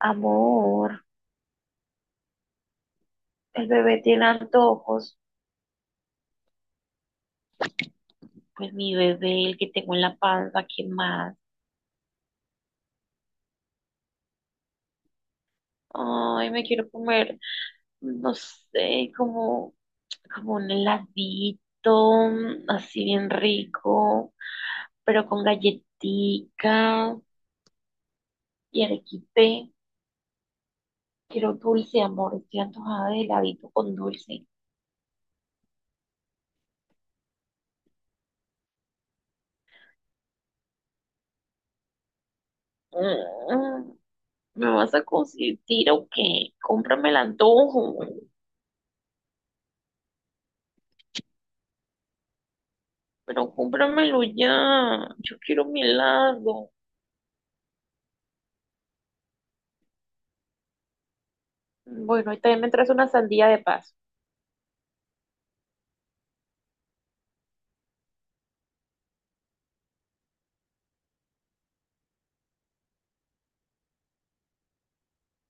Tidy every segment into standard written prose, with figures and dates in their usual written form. Amor, el bebé tiene antojos. Pues mi bebé, el que tengo en la panza, ¿qué más? Ay, me quiero comer, no sé, como un heladito, así bien rico, pero con galletica y arequipe. Quiero dulce, amor, estoy antojada de heladito con dulce. Mm, ¿Me vas a consentir o qué? Cómprame el antojo. Pero cómpramelo ya. Yo quiero mi helado. Bueno, y también me traes una sandía de paso.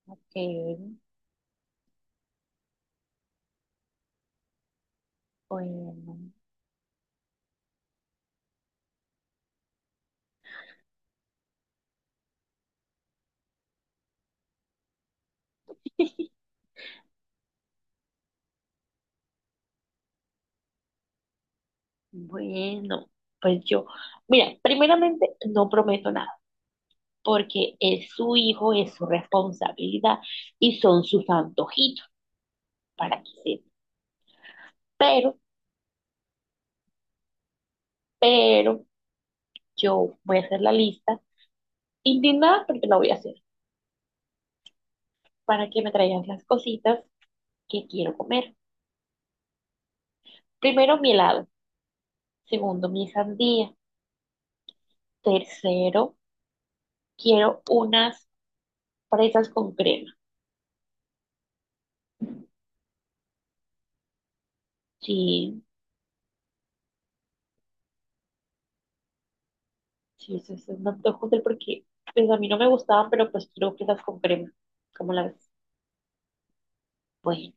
Ok, bueno. Bueno, pues yo. Mira, primeramente no prometo nada, porque es su hijo, es su responsabilidad y son sus antojitos para que se. Pero, pero yo voy a hacer la lista indignada porque la voy a hacer para que me traigan las cositas que quiero comer. Primero, mi helado. Segundo, mi sandía. Tercero, quiero unas fresas con crema. Sí, sí, eso es un antojo del porque pues a mí no me gustaban, pero pues quiero fresas con crema. ¿Cómo la ves? Bueno,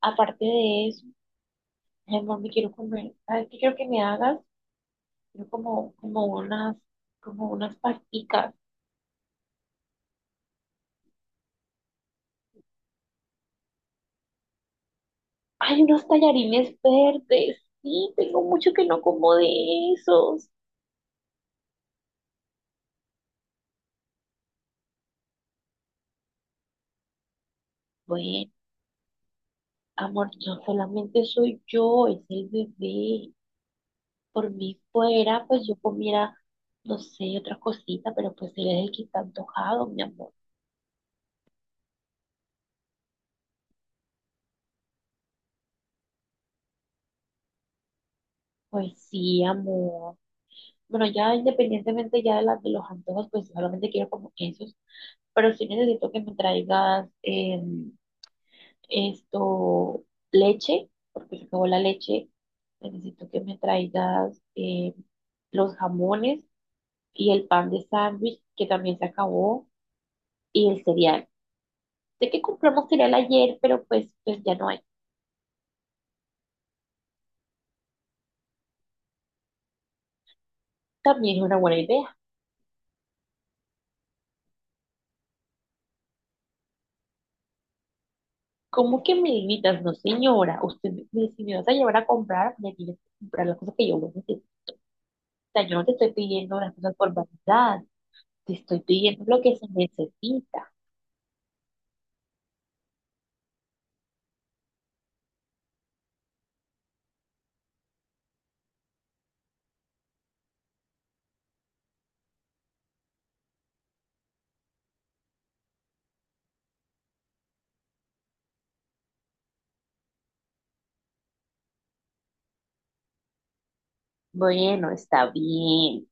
aparte de eso, mi amor, me quiero comer. ¿Sabes qué quiero que me hagas? Quiero como unas pasticas. Hay unos tallarines verdes. Sí, tengo mucho que no como de esos. Bueno, amor, yo solamente soy yo, es el bebé. Por mí fuera, pues yo comiera, no sé, otra cosita, pero pues él es el que está antojado, mi amor. Pues sí, amor. Bueno, ya independientemente ya de, las de los antojos, pues solamente quiero como esos, pero sí necesito que me traigas esto, leche, porque se acabó la leche. Necesito que me traigas los jamones y el pan de sándwich, que también se acabó, y el cereal. Sé que compramos cereal ayer, pero pues, pues ya no hay. También es una buena idea. ¿Cómo que me limitas? No, señora. Usted, me- si me vas a llevar a comprar, me tienes que comprar las cosas que yo necesito. O sea, yo no te estoy pidiendo las cosas por vanidad. Te estoy pidiendo lo que se necesita. Bueno, está bien.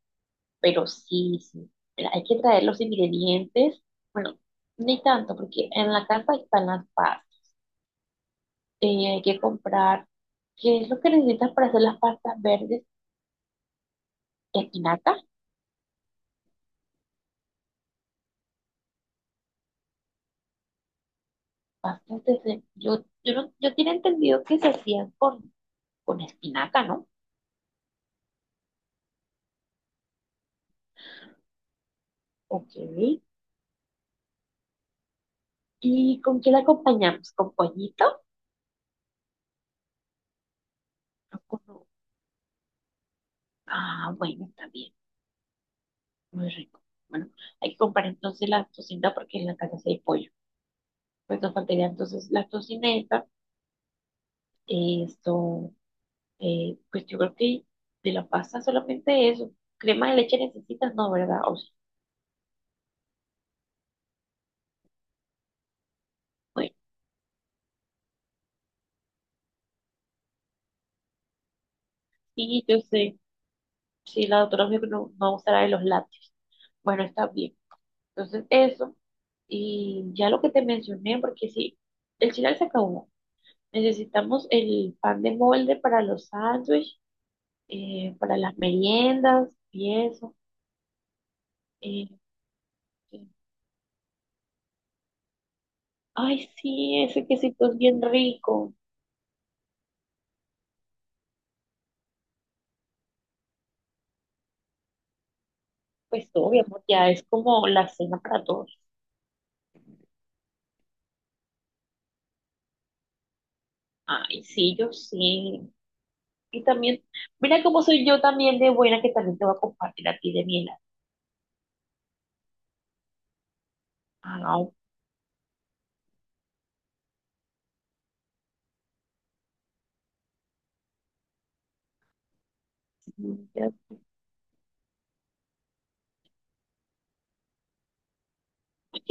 Pero sí, sí. Mira, hay que traer los ingredientes. Bueno, ni tanto, porque en la casa están las pastas. Hay que comprar. ¿Qué es lo que necesitas para hacer las pastas verdes? Espinaca. Bastante. Yo, yo, no- yo tenía entendido que se hacían con espinaca, ¿no? Ok. ¿Y con qué la acompañamos? ¿Con pollito? ¿O con- Ah, bueno, está bien. Muy rico. Bueno, hay que comprar entonces la tocineta porque en la casa sí hay pollo. Pues nos faltaría entonces la tocineta. Esto, pues yo creo que de la pasta solamente eso. Crema de leche necesitas, no, ¿verdad? O sí. Bueno, y yo sé, si la doctora me dijo que no, no usará de los lácteos. Bueno, está bien. Entonces, eso. Y ya lo que te mencioné, porque sí, el final se acabó. Necesitamos el pan de molde para los sándwiches, para las meriendas y eso. Eh, eh, ay, sí, ese quesito es bien rico. Pues todo, mi amor, ya es como la cena para todos. Ay, sí, yo sí. Y también, mira cómo soy yo también de buena, que también te voy a compartir a ti de mi helado. Ah, sí, ya.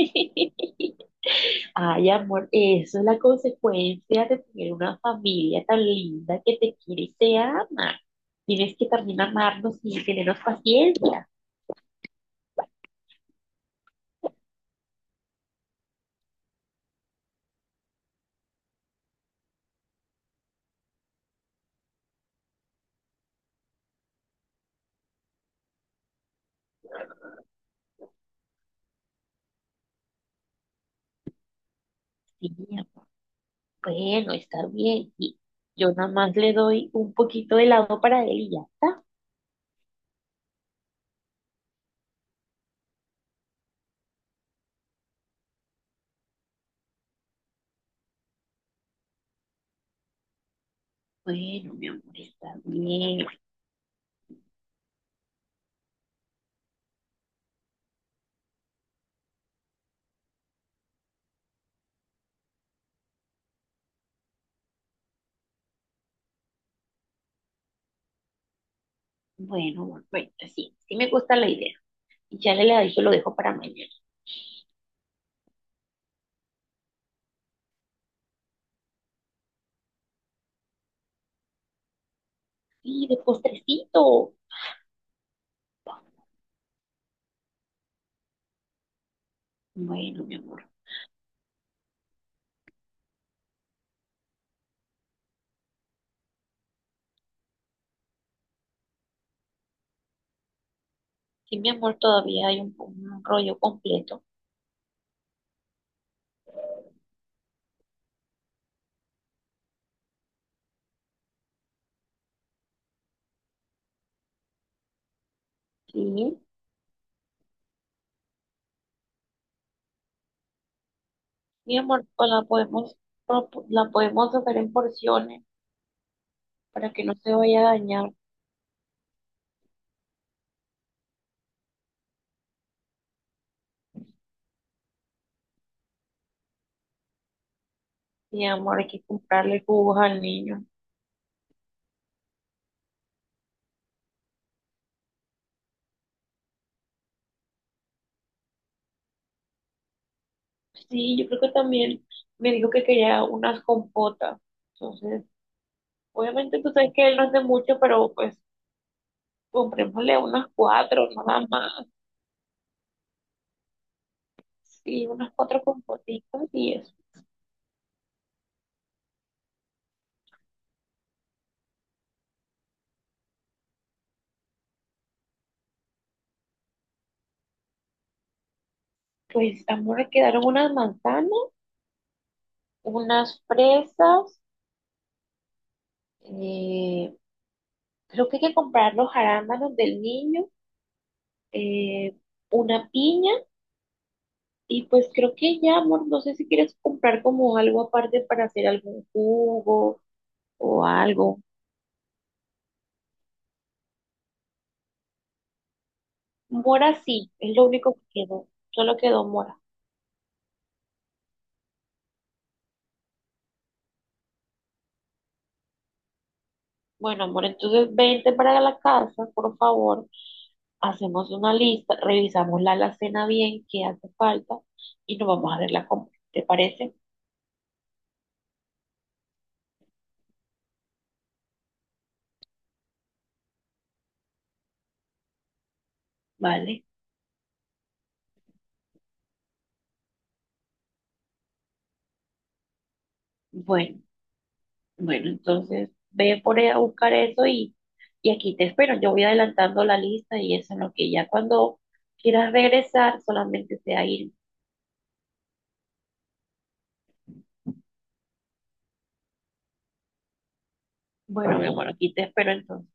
Ay, amor, eso es la consecuencia de tener una familia tan linda que te quiere y te ama. Tienes que también amarnos y tenernos paciencia. Sí, amor. Bueno, está bien. Y yo nada más le doy un poquito de lado para él y ya está. Bueno, mi amor, está bien. Bueno, amor, bueno, pues sí, sí me gusta la idea. Y ya le la dije, lo dejo para mañana. Y de postrecito. Bueno, mi amor. Sí, mi amor, todavía hay un rollo completo. Sí, mi amor, pues la podemos hacer en porciones para que no se vaya a dañar. Mi amor, hay que comprarle jugos al niño. Sí, yo creo que también me dijo que quería unas compotas. Entonces, obviamente tú sabes que él no hace mucho, pero pues comprémosle unas cuatro, nada más. Sí, unas cuatro compotitas y eso. Pues, amor, quedaron unas manzanas, unas fresas, eh, creo que hay que comprar los arándanos del niño, eh, una piña, y pues creo que ya, amor, no sé si quieres comprar como algo aparte para hacer algún jugo o algo. Mora sí, es lo único que quedó, solo quedó mora. Bueno, amor, entonces vente para la casa, por favor, hacemos una lista, revisamos la alacena bien, qué hace falta y nos vamos a ver la compra. ¿Te parece? Vale. Bueno. Bueno, entonces ve por ahí a buscar eso y aquí te espero. Yo voy adelantando la lista y eso, es lo que ya cuando quieras regresar solamente sea ir. Bueno, mi amor, aquí te espero entonces.